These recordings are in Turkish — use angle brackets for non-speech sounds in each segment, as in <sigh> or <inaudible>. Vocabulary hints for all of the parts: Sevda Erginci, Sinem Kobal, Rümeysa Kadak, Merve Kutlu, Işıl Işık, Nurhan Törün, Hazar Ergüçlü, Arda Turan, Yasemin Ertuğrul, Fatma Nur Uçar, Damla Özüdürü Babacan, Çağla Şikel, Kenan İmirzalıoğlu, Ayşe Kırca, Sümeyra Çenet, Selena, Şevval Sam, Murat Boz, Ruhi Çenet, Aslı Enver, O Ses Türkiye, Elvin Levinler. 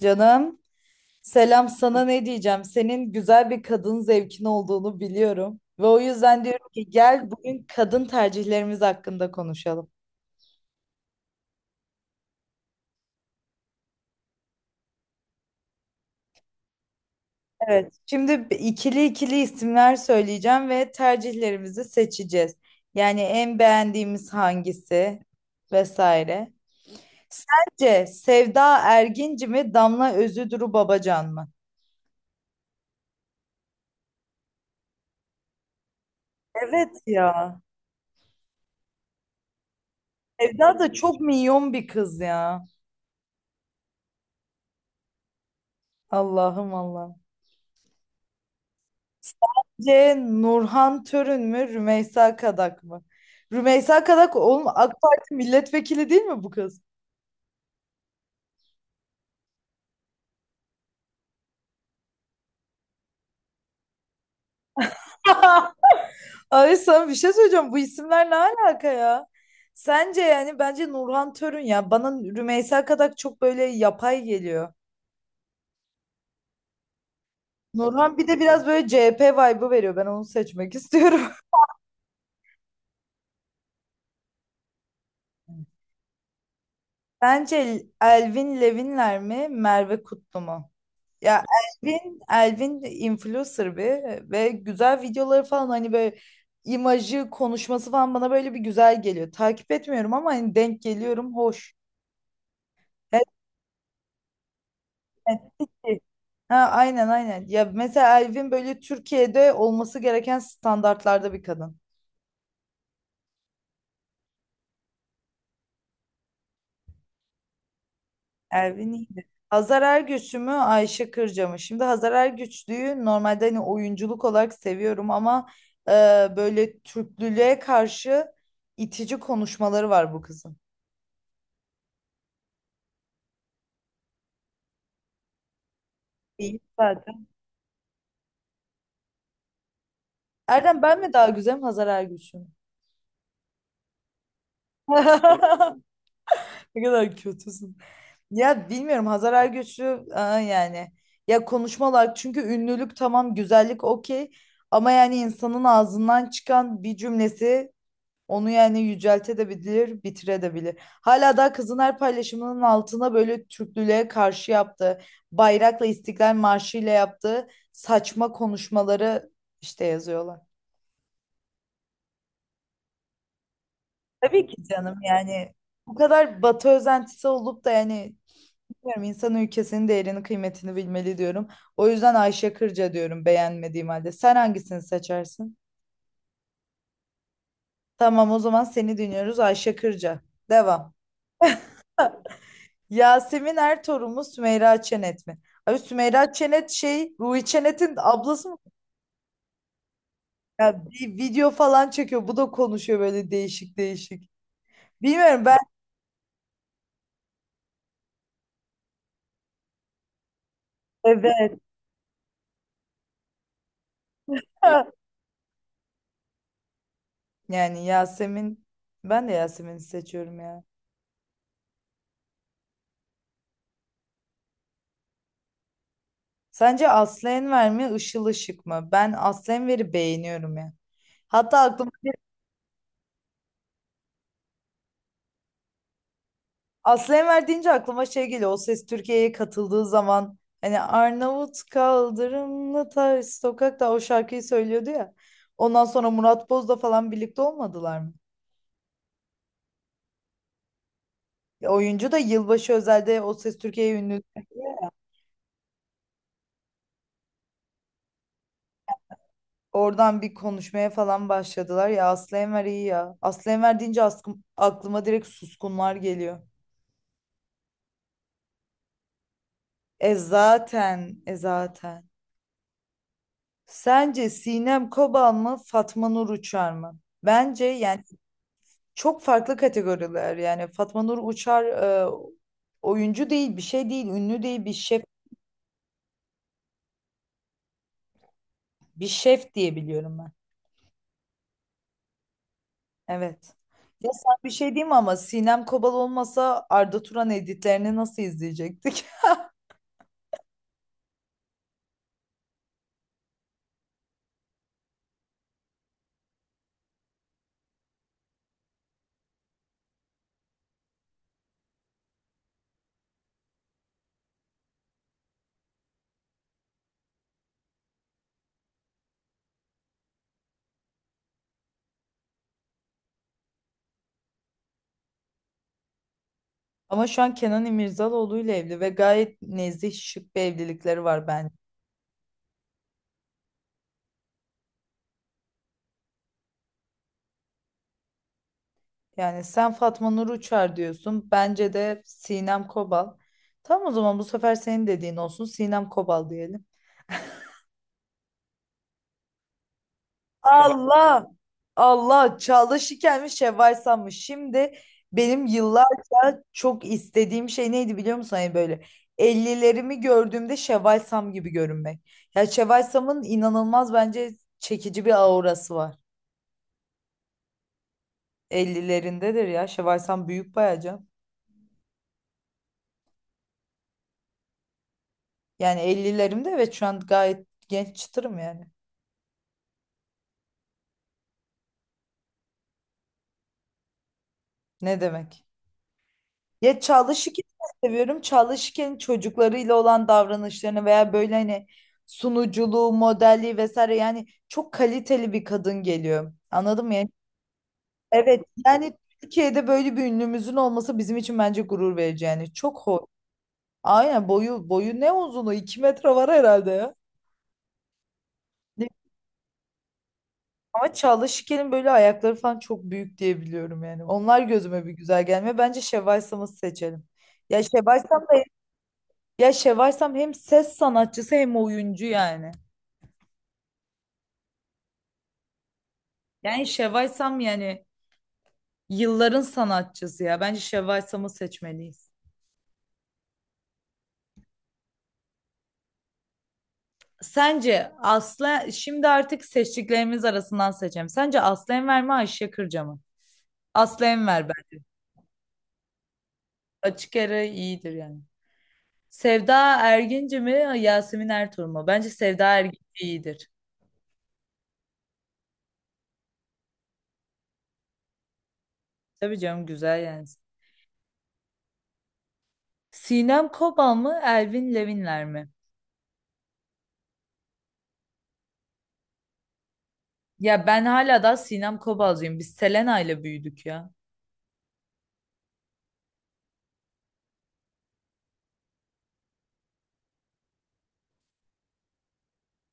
Canım, selam sana ne diyeceğim? Senin güzel bir kadın zevkin olduğunu biliyorum. Ve o yüzden diyorum ki gel bugün kadın tercihlerimiz hakkında konuşalım. Evet. Şimdi ikili ikili isimler söyleyeceğim ve tercihlerimizi seçeceğiz. Yani en beğendiğimiz hangisi vesaire. Sence Sevda Erginci mi Damla Özüdürü Babacan mı? Evet ya. Sevda da çok minyon bir kız ya. Allah'ım Allah. Sence Nurhan Törün mü, Rümeysa Kadak mı? Rümeysa Kadak oğlum AK Parti milletvekili değil mi bu kız? <laughs> Ay sana bir şey söyleyeceğim. Bu isimler ne alaka ya? Sence yani bence Nurhan Törün ya. Bana Rümeysa Kadak çok böyle yapay geliyor. Nurhan bir de biraz böyle CHP vibe'ı veriyor. Ben onu seçmek istiyorum. <laughs> Bence Elvin Levinler mi, Merve Kutlu mu? Ya Elvin influencer bir ve güzel videoları falan hani böyle imajı, konuşması falan bana böyle bir güzel geliyor. Takip etmiyorum ama hani denk geliyorum hoş. Evet, evet. Ha, aynen aynen. Ya mesela Elvin böyle Türkiye'de olması gereken standartlarda bir kadın. Elvin iyiydi. Hazar Ergüç'ü mü Ayşe Kırca mı? Şimdi Hazar Ergüçlü'yü normalde hani oyunculuk olarak seviyorum ama e, böyle Türklülüğe karşı itici konuşmaları var bu kızın. İyi zaten. Erdem ben mi daha güzelim Hazar Ergüç'üm? <laughs> Ne kadar kötüsün. Ya bilmiyorum Hazar Ergüç'ü yani. Ya konuşmalar çünkü ünlülük tamam güzellik okey. Ama yani insanın ağzından çıkan bir cümlesi onu yani yüceltebilir, bitirebilir. Hala daha kızın her paylaşımının altına böyle Türklülüğe karşı yaptığı, bayrakla İstiklal Marşı ile yaptığı saçma konuşmaları işte yazıyorlar. Tabii ki canım yani bu kadar Batı özentisi olup da yani bilmiyorum insan ülkesinin değerini kıymetini bilmeli diyorum. O yüzden Ayşe Kırca diyorum beğenmediğim halde. Sen hangisini seçersin? Tamam o zaman seni dinliyoruz Ayşe Kırca. Devam. Yasemin Ertuğrul mu Sümeyra Çenet mi? Abi Sümeyra Çenet şey Ruhi Çenet'in ablası mı? Ya bir video falan çekiyor. Bu da konuşuyor böyle değişik değişik. Bilmiyorum ben evet. <laughs> Yani Yasemin ben de Yasemin'i seçiyorum ya. Sence Aslı Enver mi, Işıl Işık mı? Ben Aslı Enver'i beğeniyorum ya. Hatta aklıma şey, Aslı Enver deyince aklıma şey geliyor. O Ses Türkiye'ye katıldığı zaman hani Arnavut kaldırımlı ters sokakta o şarkıyı söylüyordu ya. Ondan sonra Murat Boz'la falan birlikte olmadılar mı? Ya oyuncu da yılbaşı özelde O Ses Türkiye'ye ünlü. Oradan bir konuşmaya falan başladılar. Ya Aslı Enver iyi ya. Aslı Enver deyince aklıma direkt suskunlar geliyor. E zaten, e zaten. Sence Sinem Kobal mı Fatma Nur Uçar mı? Bence yani çok farklı kategoriler. Yani Fatma Nur Uçar oyuncu değil, bir şey değil, ünlü değil, bir şef, bir şef diye biliyorum ben. Evet. Ya sen bir şey diyeyim mi ama Sinem Kobal olmasa Arda Turan editlerini nasıl izleyecektik? <laughs> Ama şu an Kenan İmirzalıoğlu ile evli ve gayet nezih şık bir evlilikleri var bence. Yani sen Fatma Nur Uçar diyorsun. Bence de Sinem Kobal. Tamam o zaman bu sefer senin dediğin olsun. Sinem Kobal diyelim. Allah! Allah! Çağla Şikel'miş, Şevval Sam'mış. Şimdi benim yıllarca çok istediğim şey neydi biliyor musun? Hani böyle ellilerimi gördüğümde Şevval Sam gibi görünmek. Ya Şevval Sam'ın inanılmaz bence çekici bir aurası var. Ellilerindedir ya. Şevval Sam büyük bayağı canım. Yani 50'lerimde evet şu an gayet genç çıtırım yani. Ne demek? Ya Çağla Şikel'i de seviyorum. Çağla Şikel'in çocuklarıyla olan davranışlarını veya böyle hani sunuculuğu, modelliği vesaire yani çok kaliteli bir kadın geliyor. Anladın mı? Yani, evet yani Türkiye'de böyle bir ünlümüzün olması bizim için bence gurur verici yani. Çok hoş. Aynen boyu boyu ne uzunu 2 metre var herhalde ya. Ne- Ama Çağla Şikel'in böyle ayakları falan çok büyük diye biliyorum yani. Onlar gözüme bir güzel gelmiyor. Bence Şevval Sam'ı seçelim. Ya Şevval Sam da Ya Şevval Sam hem ses sanatçısı hem oyuncu yani. Yani Şevval Sam yani yılların sanatçısı ya. Bence Şevval Sam'ı seçmeliyiz. Sence Aslı şimdi artık seçtiklerimiz arasından seçeceğim. Sence Aslı Enver mi Ayşe Kırca mı? Aslı Enver ben. Açık ara iyidir yani. Sevda Erginci mi Yasemin Ertuğrul mu? Bence Sevda Erginci iyidir. Tabii canım güzel yani. Sinem Kobal mı Elvin Levinler mi? Ya ben hala da Sinem Kobalcıyım. Biz Selena ile büyüdük ya.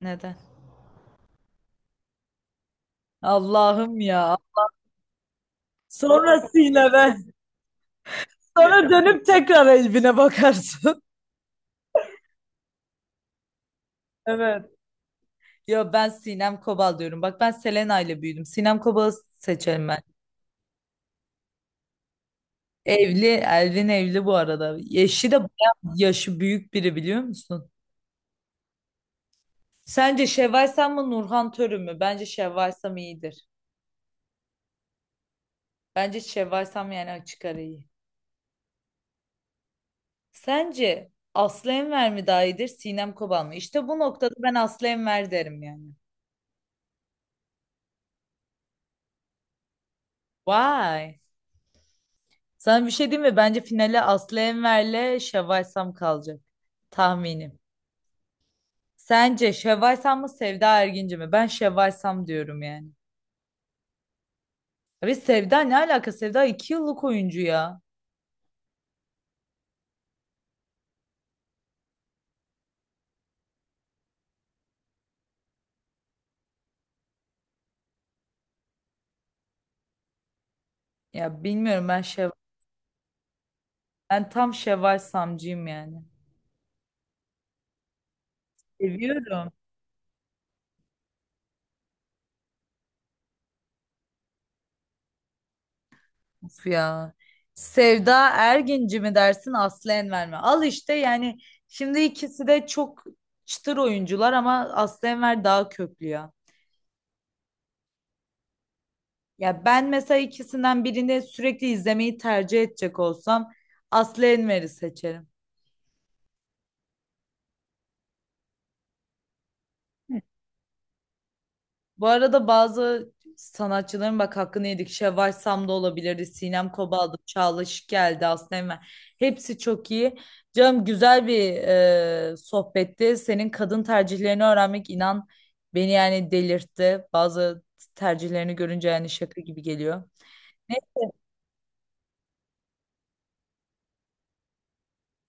Neden? Allah'ım ya. Sonra Sinem'e. Sonra dönüp tekrar Elvin'e bakarsın. <laughs> Evet. Yo ben Sinem Kobal diyorum. Bak ben Selena ile büyüdüm. Sinem Kobal'ı seçerim ben. Evli, Elvin evli bu arada. Eşi de bayağı yaşı büyük biri biliyor musun? Sence Şevval Sam mı Nurhan Törü mü? Bence Şevval Sam iyidir. Bence Şevval Sam yani açık ara iyi. Sence Aslı Enver mi daha iyidir, Sinem Kobal mı? İşte bu noktada ben Aslı Enver derim yani. Vay. Sana bir şey diyeyim mi? Bence finale Aslı Enver'le Şevval Sam kalacak. Tahminim. Sence Şevval Sam mı Sevda Erginci mi? Ben Şevval Sam diyorum yani. Abi Sevda ne alaka? Sevda iki yıllık oyuncu ya. Ya bilmiyorum ben Şevval. Ben tam Şevval Samcıyım yani. Seviyorum. Of ya. Sevda Erginci mi dersin Aslı Enver mi? Al işte yani şimdi ikisi de çok çıtır oyuncular ama Aslı Enver daha köklü ya. Ya ben mesela ikisinden birini sürekli izlemeyi tercih edecek olsam Aslı Enver'i seçerim. Bu arada bazı sanatçıların bak hakkını yedik. Şevval Sam da olabilirdi. Sinem Kobal'dı. Çağla Şık geldi. Aslı Enver. Hepsi çok iyi. Canım güzel bir sohbetti. Senin kadın tercihlerini öğrenmek inan beni yani delirtti. Bazı tercihlerini görünce yani şaka gibi geliyor. Ne?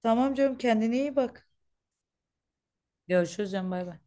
Tamam canım kendine iyi bak. Görüşürüz canım bay bay.